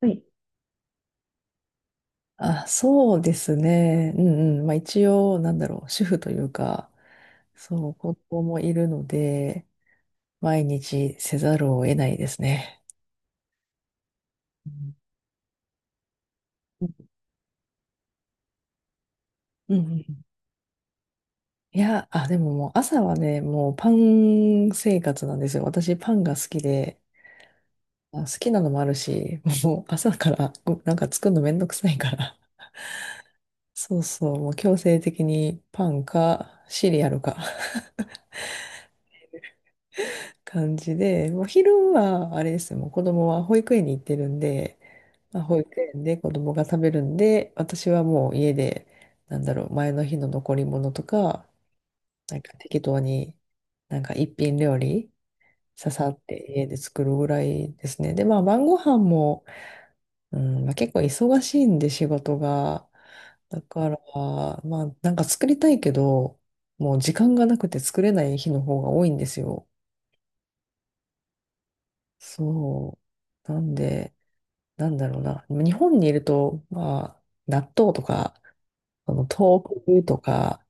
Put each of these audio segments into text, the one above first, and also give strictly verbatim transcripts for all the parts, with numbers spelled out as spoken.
はい。あ、そうですね。うんうん。まあ一応、なんだろう、主婦というか、そう、子供もいるので、毎日せざるを得ないですね。うんうんうんうん、いや、あ、でももう朝はね、もうパン生活なんですよ。私パンが好きで、あ、好きなのもあるし、もう朝からごなんか作るのめんどくさいから。そうそう、もう強制的にパンかシリアルか。感じで、もう昼はあれですよ、もう子供は保育園に行ってるんで、まあ、保育園で子供が食べるんで、私はもう家で、なんだろう、前の日の残り物とか、なんか適当に、なんか一品料理、ささって家で作るぐらいですね。で、まあ晩ご飯も、うん、まあ、結構忙しいんで仕事が。だから、まあなんか作りたいけど、もう時間がなくて作れない日の方が多いんですよ。そう。なんで、なんだろうな。日本にいると、まあ、納豆とか、その豆腐とか、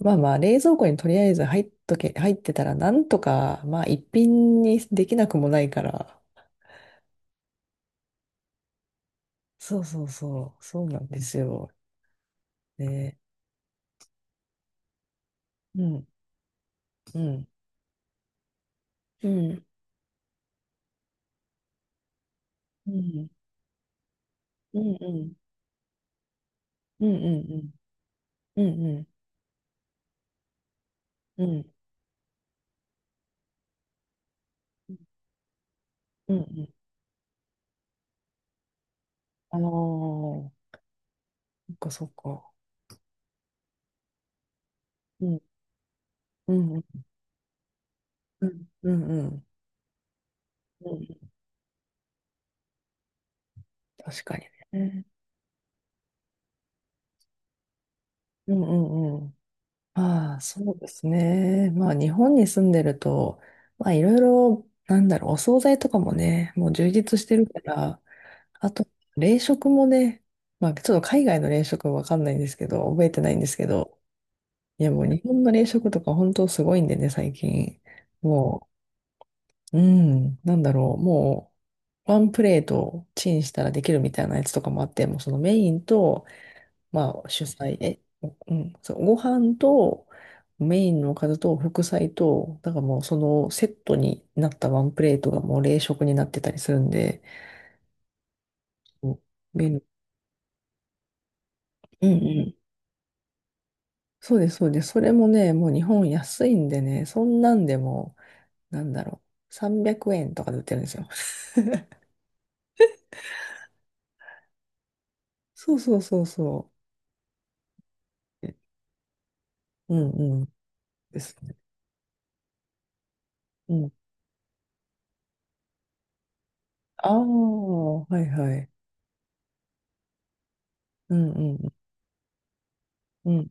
まあまあ、冷蔵庫にとりあえず入っとけ、入ってたら、なんとか、まあ、一品にできなくもないから。そうそうそう、そうなんですよ。ね。うん、うん、うん、うん、うん、うん、うん、うん、うん、うん、うん、うん、うん。あのー、そっかそっか。うん、うん、うん、うん、うん。うん、確かにね。うん、うん、うん。ああ、そうですね。まあ、日本に住んでると、まあ、いろいろ、なんだろう、お惣菜とかもね、もう充実してるから、あと、冷食もね、まあ、ちょっと海外の冷食はわかんないんですけど、覚えてないんですけど、いや、もう日本の冷食とか本当すごいんでね、最近。もう、うん、なんだろう、もう、ワンプレートチンしたらできるみたいなやつとかもあって、もうそのメインと、まあ、主菜、え、うん、そう、ご飯とメインのおかずと副菜と、だからもうそのセットになったワンプレートがもう冷食になってたりするんで、そうんメうんうん。そうです、そうです。それもね、もう日本安いんでね、そんなんでも、なんだろう、さんびゃくえんとかで売ってるんですよ。そうそうそうそう。うんうん。ですね。うん。ああ、はいはい。うんうん。うん。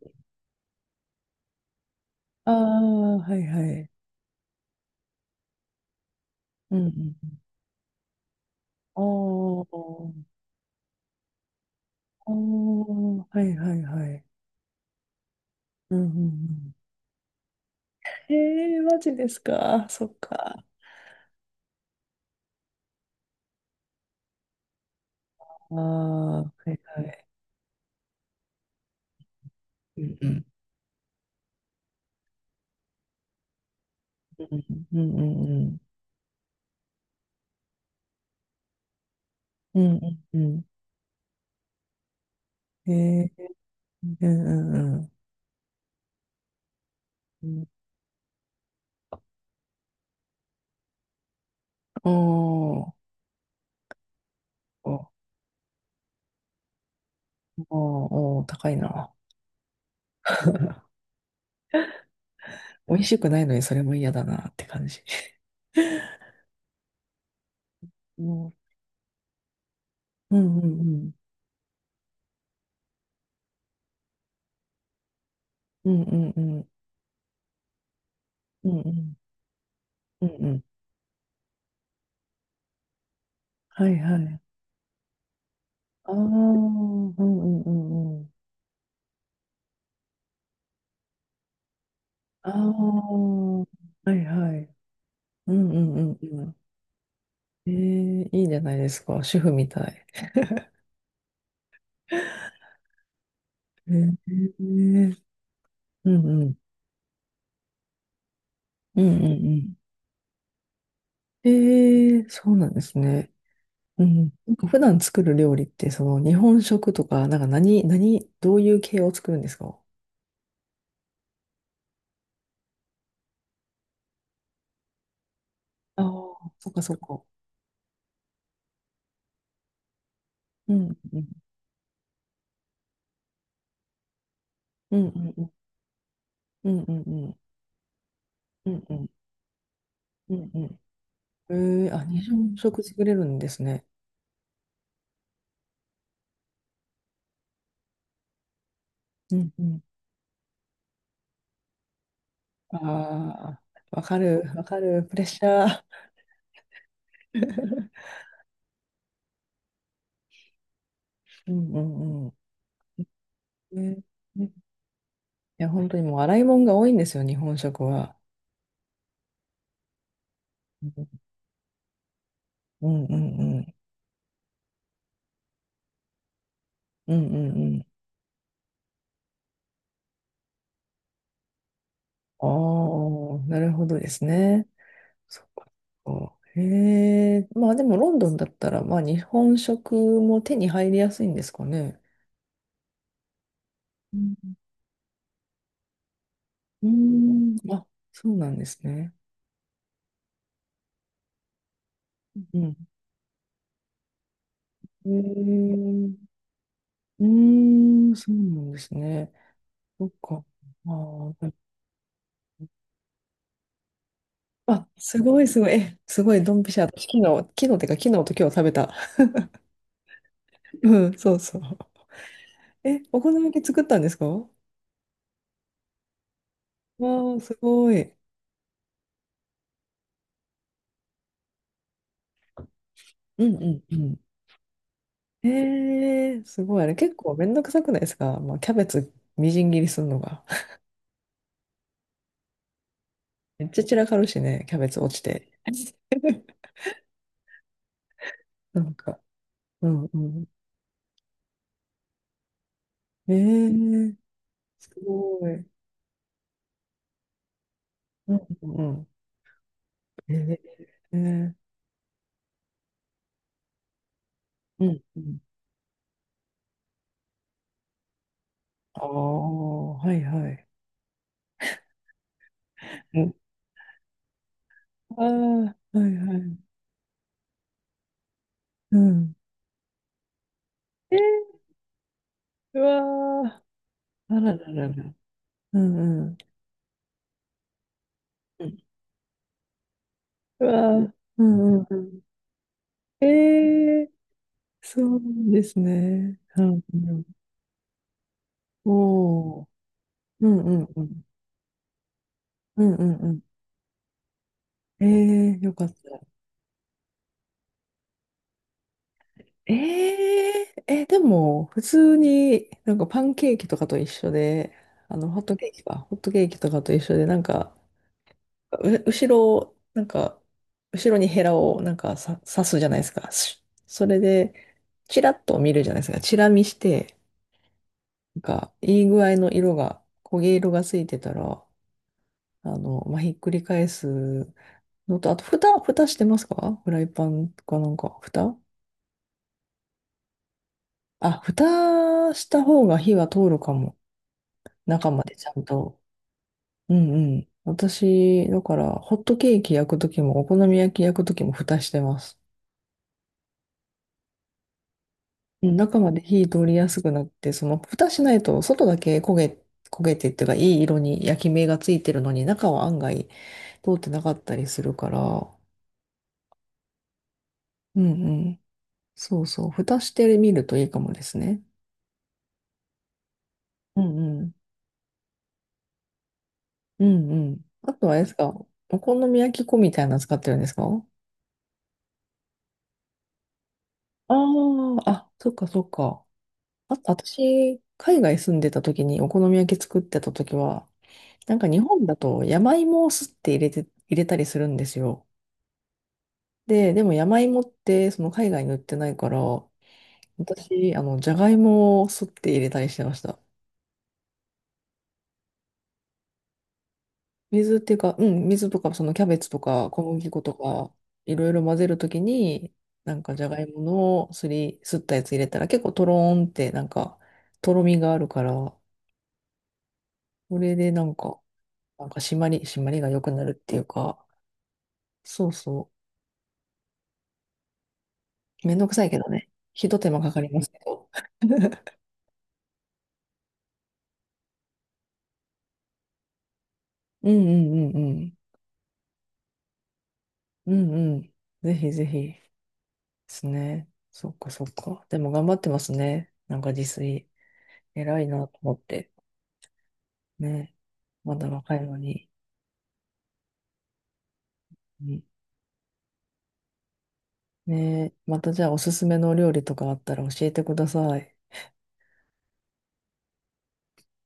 ああ、はいはい。うんうん。ああ、ああ、はいはいはい。うんうんうん。へえ、マジですか。そっか。ああ、はいはい。うんうんうんうんうんうんうんうん。へえ、うんうんうんうん。おー、お、お、おー、高いな。美味しくないのにそれも嫌だなって感じ。うん、うんうんうん。うんうんうん。うんうんうんうん。はいはい。ああ、うんうんうんうん。ああ、はいはい。うんうんうんうん。ええ、いいじゃないですか。主婦みたい。ええうんうん。うんうんうん。ええ、そうなんですね。うん。なんか普段作る料理って、その日本食とか、なんか何、何、どういう系を作るんですか？ああー、そっかそっか。うんうんうんうんうんうんうんうんうんうんうんうん。ええ、あ、日本食作れるんですね。うん、ああ、わかる、わかる、プレッシャー。うんうんうん。ね、ね、いや、本当にもう洗い物が多いんですよ、日本食は。うんうんうん。うんうんうん。ああ、なるほどですね。そっかそっか。へえ、まあでもロンドンだったら、まあ日本食も手に入りやすいんですかね。うん、うん、あ、そうなんですね。うん。へえ、うん、そうなんですね。そっか。あー、あ、すごいすごい。え、すごい、ドンピシャ。私昨日、昨日ってか、昨日と今日食べた。うん、そうそう。え、お好み焼き作ったんですかわー、すごい。うんうんうん。えー、すごい。あれ結構めんどくさくないですか？まあ、キャベツみじん切りするのが。めっちゃ散らかるしね、キャベツ落ちて。なんか、うんうん。えー、すごい。うんうんうん。えー、えーうんうん。ああ、はいはい。ああ、はいはい。うん。えー、うわー、あらららら。うんうん。うん、うわー、うんうんうん。えー、そうですね。うんうん。おー、うんうんうん。うんうんうん。えー、よかった。えー、え、でも、普通になんかパンケーキとかと一緒で、あの、ホットケーキか、ホットケーキとかと一緒で、なんか、う、後ろを、なんか、後ろにヘラをなんかさ刺すじゃないですか。し、それで、チラッと見るじゃないですか。チラ見して、なんか、いい具合の色が、焦げ色がついてたら、あの、まあ、ひっくり返すのと、あと、蓋、蓋してますか？フライパンかなんか、蓋あ、蓋した方が火は通るかも。中までちゃんと。うんうん。私、だから、ホットケーキ焼くときも、お好み焼き焼くときも蓋してます。うん、中まで火通りやすくなって、その蓋しないと外だけ焦げ、焦げてっていうかいい色に焼き目がついてるのに中は案外通ってなかったりするから、うんうん。そうそう。蓋してみるといいかもですね。うんうん。うんうん。あとはあれですか、お好み焼き粉みたいなの使ってるんですか？ああ、あ、そっかそっか。あと、私、海外住んでた時にお好み焼き作ってた時は、なんか日本だと山芋をすって入れて、入れたりするんですよ。で、でも山芋ってその海外に売ってないから、私、あの、じゃがいもをすって入れたりしてました。水っていうか、うん、水とか、そのキャベツとか小麦粉とか、いろいろ混ぜるときに、なんかじゃがいものすり、すったやつ入れたら結構トローンってなんか、とろみがあるから、これでなんか、なんか締まり、締まりが良くなるっていうか、そうそう。めんどくさいけどね。ひと手間かかりますけど。うんうんうんうん。うんうん。ぜひぜひ。ですね。そっかそっか。でも頑張ってますね。なんか自炊。偉いなと思って。ね。まだ若いのに。うん、ね。またじゃあおすすめのお料理とかあったら教えてください。